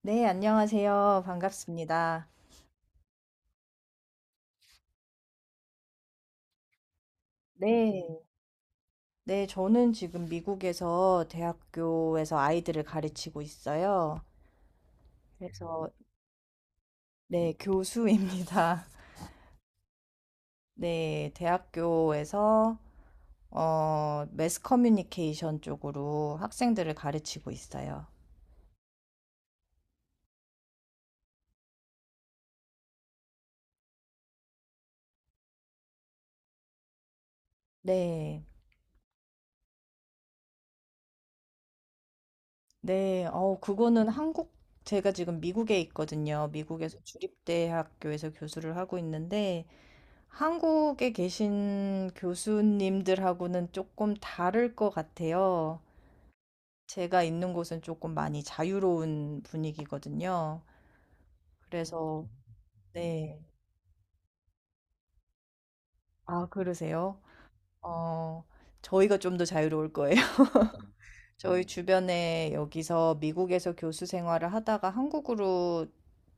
네, 안녕하세요. 반갑습니다. 네, 네, 저는 지금 미국에서 대학교에서 아이들을 가르치고 있어요. 그래서, 네, 교수입니다. 네, 대학교에서, 매스 커뮤니케이션 쪽으로 학생들을 가르치고 있어요. 네, 네, 그거는 한국, 제가 지금 미국에 있거든요. 미국에서 주립대학교에서 교수를 하고 있는데, 한국에 계신 교수님들하고는 조금 다를 것 같아요. 제가 있는 곳은 조금 많이 자유로운 분위기거든요. 그래서, 네. 아, 그러세요? 어, 저희가 좀 더 자유로울 거예요. 저희 주변에 여기서 미국에서 교수 생활을 하다가 한국으로,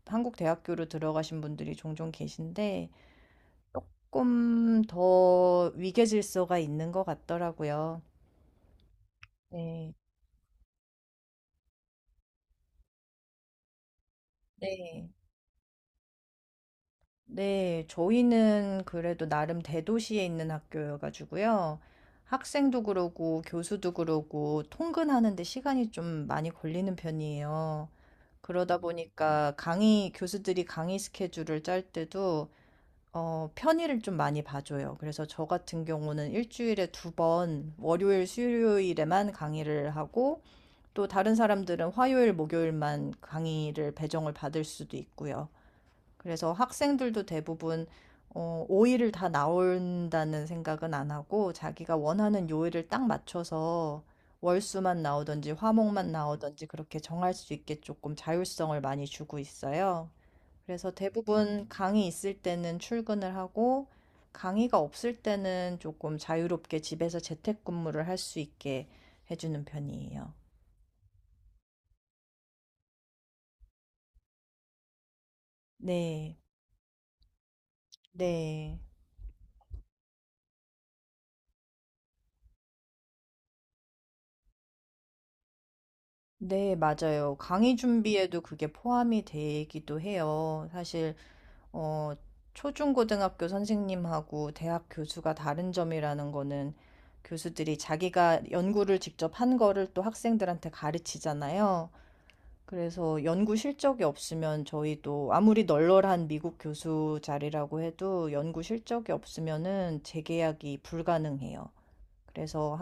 한국 대학교로 들어가신 분들이 종종 계신데, 조금 더 위계질서가 있는 것 같더라고요. 네. 네. 네, 저희는 그래도 나름 대도시에 있는 학교여가지고요. 학생도 그러고 교수도 그러고 통근하는데 시간이 좀 많이 걸리는 편이에요. 그러다 보니까 강의, 교수들이 강의 스케줄을 짤 때도 편의를 좀 많이 봐줘요. 그래서 저 같은 경우는 일주일에 두 번, 월요일, 수요일에만 강의를 하고 또 다른 사람들은 화요일, 목요일만 강의를 배정을 받을 수도 있고요. 그래서 학생들도 대부분 5일을 다 나온다는 생각은 안 하고 자기가 원하는 요일을 딱 맞춰서 월수만 나오든지 화목만 나오든지 그렇게 정할 수 있게 조금 자율성을 많이 주고 있어요. 그래서 대부분 강의 있을 때는 출근을 하고 강의가 없을 때는 조금 자유롭게 집에서 재택근무를 할 수 있게 해주는 편이에요. 네, 네. 네, 맞아요. 강의 준비에도 그게 포함이 되기도 해요. 사실, 어, 초중고등학교 선생님하고 대학 교수가 다른 점이라는 거는 교수들이 자기가 연구를 직접 한 거를 또 학생들한테 가르치잖아요. 그래서 연구 실적이 없으면 저희도 아무리 널널한 미국 교수 자리라고 해도 연구 실적이 없으면은 재계약이 불가능해요. 그래서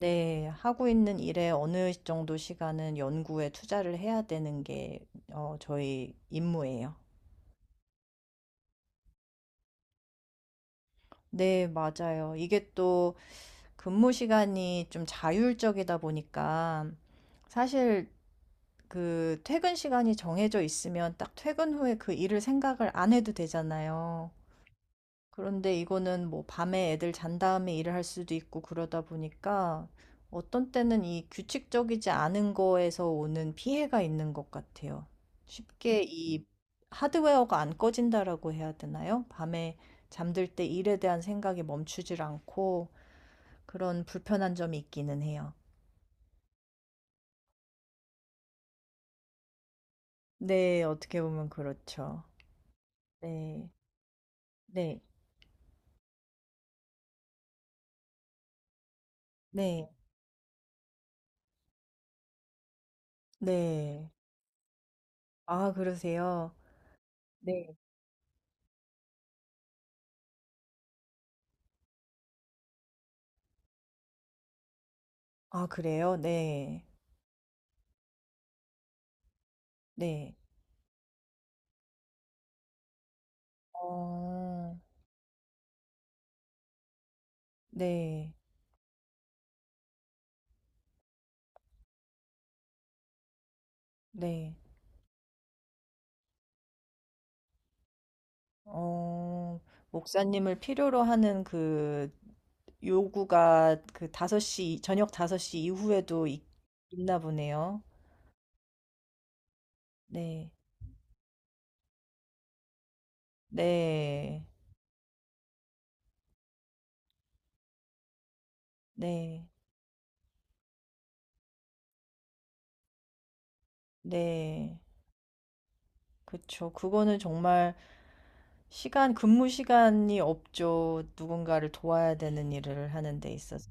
네. 하고 있는 일에 어느 정도 시간은 연구에 투자를 해야 되는 게 저희 임무예요. 네. 맞아요. 이게 또 근무 시간이 좀 자율적이다 보니까 사실 그 퇴근 시간이 정해져 있으면 딱 퇴근 후에 그 일을 생각을 안 해도 되잖아요. 그런데 이거는 뭐 밤에 애들 잔 다음에 일을 할 수도 있고 그러다 보니까 어떤 때는 이 규칙적이지 않은 거에서 오는 피해가 있는 것 같아요. 쉽게 이 하드웨어가 안 꺼진다라고 해야 되나요? 밤에 잠들 때 일에 대한 생각이 멈추질 않고 그런 불편한 점이 있기는 해요. 네, 어떻게 보면 그렇죠. 네, 네, 네, 네. 아, 그러세요? 네. 아, 그래요? 네, 네. 어. 네. 네. 어. 목사님을 필요로 하는 그 요구가 그 다섯 시 저녁 5섯시 이후에도 있나 보네요. 네. 네. 네. 네. 그쵸. 그거는 정말 시간 근무 시간이 없죠. 누군가를 도와야 되는 일을 하는 데 있어서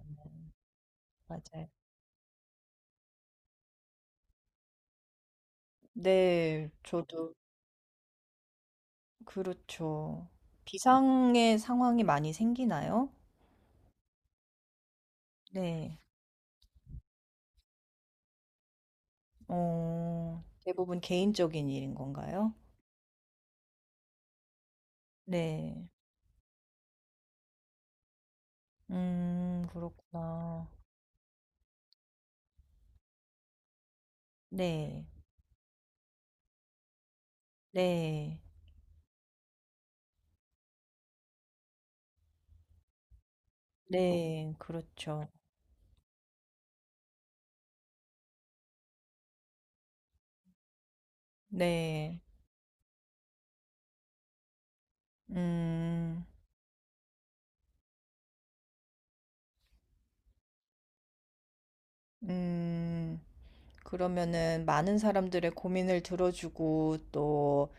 맞아요. 네. 저도 그렇죠. 비상의 상황이 많이 생기나요? 네. 어. 대부분 개인적인 일인 건가요? 네. 그렇구나. 네. 네. 네. 그렇죠. 네. 음. 음. 그러면은 많은 사람들의 고민을 들어주고 또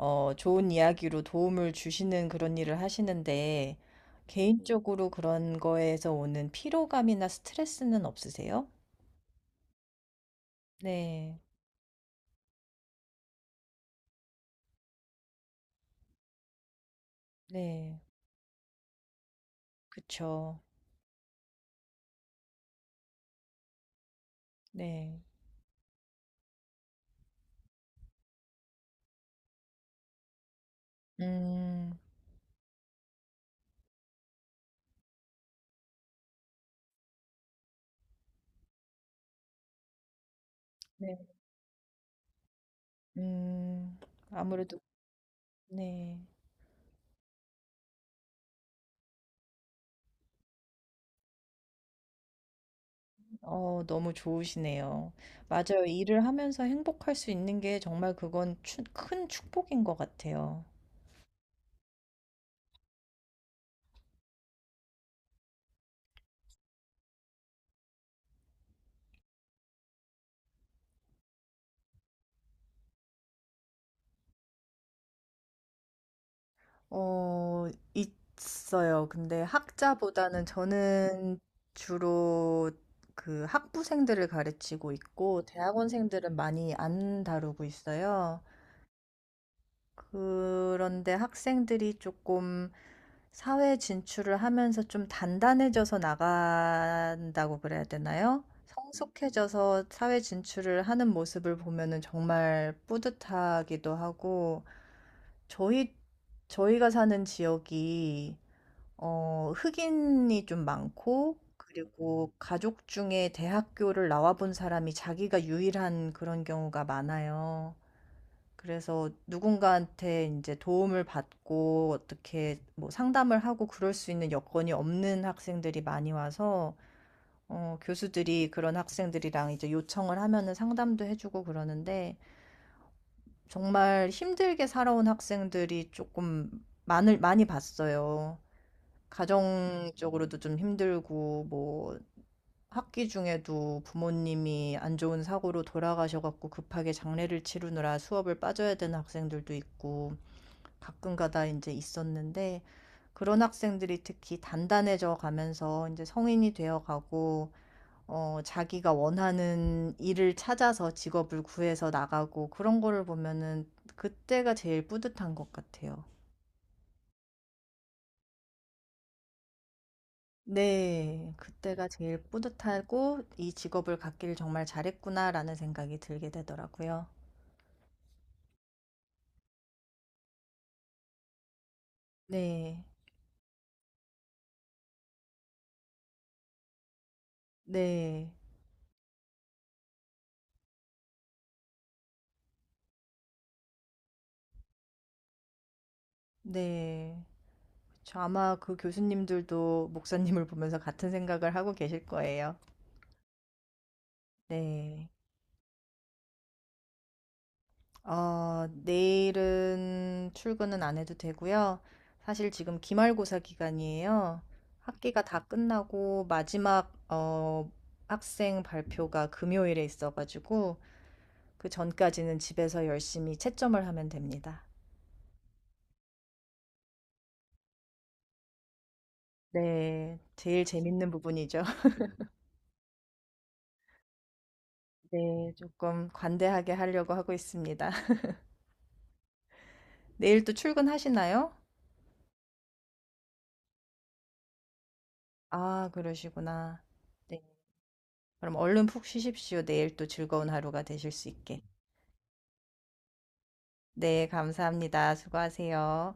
좋은 이야기로 도움을 주시는 그런 일을 하시는데 개인적으로 그런 거에서 오는 피로감이나 스트레스는 없으세요? 네. 네. 그쵸. 네. 음. 네. 음. 아무래도 네. 너무 좋으시네요. 맞아요. 일을 하면서 행복할 수 있는 게 정말 그건 추 큰 축복인 것 같아요. 어 있어요. 근데 학자보다는 저는 주로 그 학부생들을 가르치고 있고 대학원생들은 많이 안 다루고 있어요. 그런데 학생들이 조금 사회 진출을 하면서 좀 단단해져서 나간다고 그래야 되나요? 성숙해져서 사회 진출을 하는 모습을 보면은 정말 뿌듯하기도 하고, 저희, 저희가 사는 지역이, 흑인이 좀 많고, 그리고 가족 중에 대학교를 나와본 사람이 자기가 유일한 그런 경우가 많아요. 그래서 누군가한테 이제 도움을 받고 어떻게 뭐 상담을 하고 그럴 수 있는 여건이 없는 학생들이 많이 와서 교수들이 그런 학생들이랑 이제 요청을 하면은 상담도 해주고 그러는데 정말 힘들게 살아온 학생들이 조금 많을 많이 봤어요. 가정적으로도 좀 힘들고 뭐 학기 중에도 부모님이 안 좋은 사고로 돌아가셔갖고 급하게 장례를 치르느라 수업을 빠져야 되는 학생들도 있고 가끔가다 이제 있었는데 그런 학생들이 특히 단단해져 가면서 이제 성인이 되어 가고 자기가 원하는 일을 찾아서 직업을 구해서 나가고 그런 거를 보면은 그때가 제일 뿌듯한 것 같아요. 네. 그때가 제일 뿌듯하고 '이 직업을 갖기를 정말 잘했구나.'라는 생각이 들게 되더라고요. 네. 네. 네. 그쵸. 아마 그 교수님들도 목사님을 보면서 같은 생각을 하고 계실 거예요. 네. 어, 내일은 출근은 안 해도 되고요. 사실 지금 기말고사 기간이에요. 학기가 다 끝나고 마지막 학생 발표가 금요일에 있어가지고 그 전까지는 집에서 열심히 채점을 하면 됩니다. 네. 제일 재밌는 부분이죠. 네. 조금 관대하게 하려고 하고 있습니다. 내일 또 출근하시나요? 아, 그러시구나. 네. 그럼 얼른 푹 쉬십시오. 내일 또 즐거운 하루가 되실 수 있게. 네, 감사합니다. 수고하세요.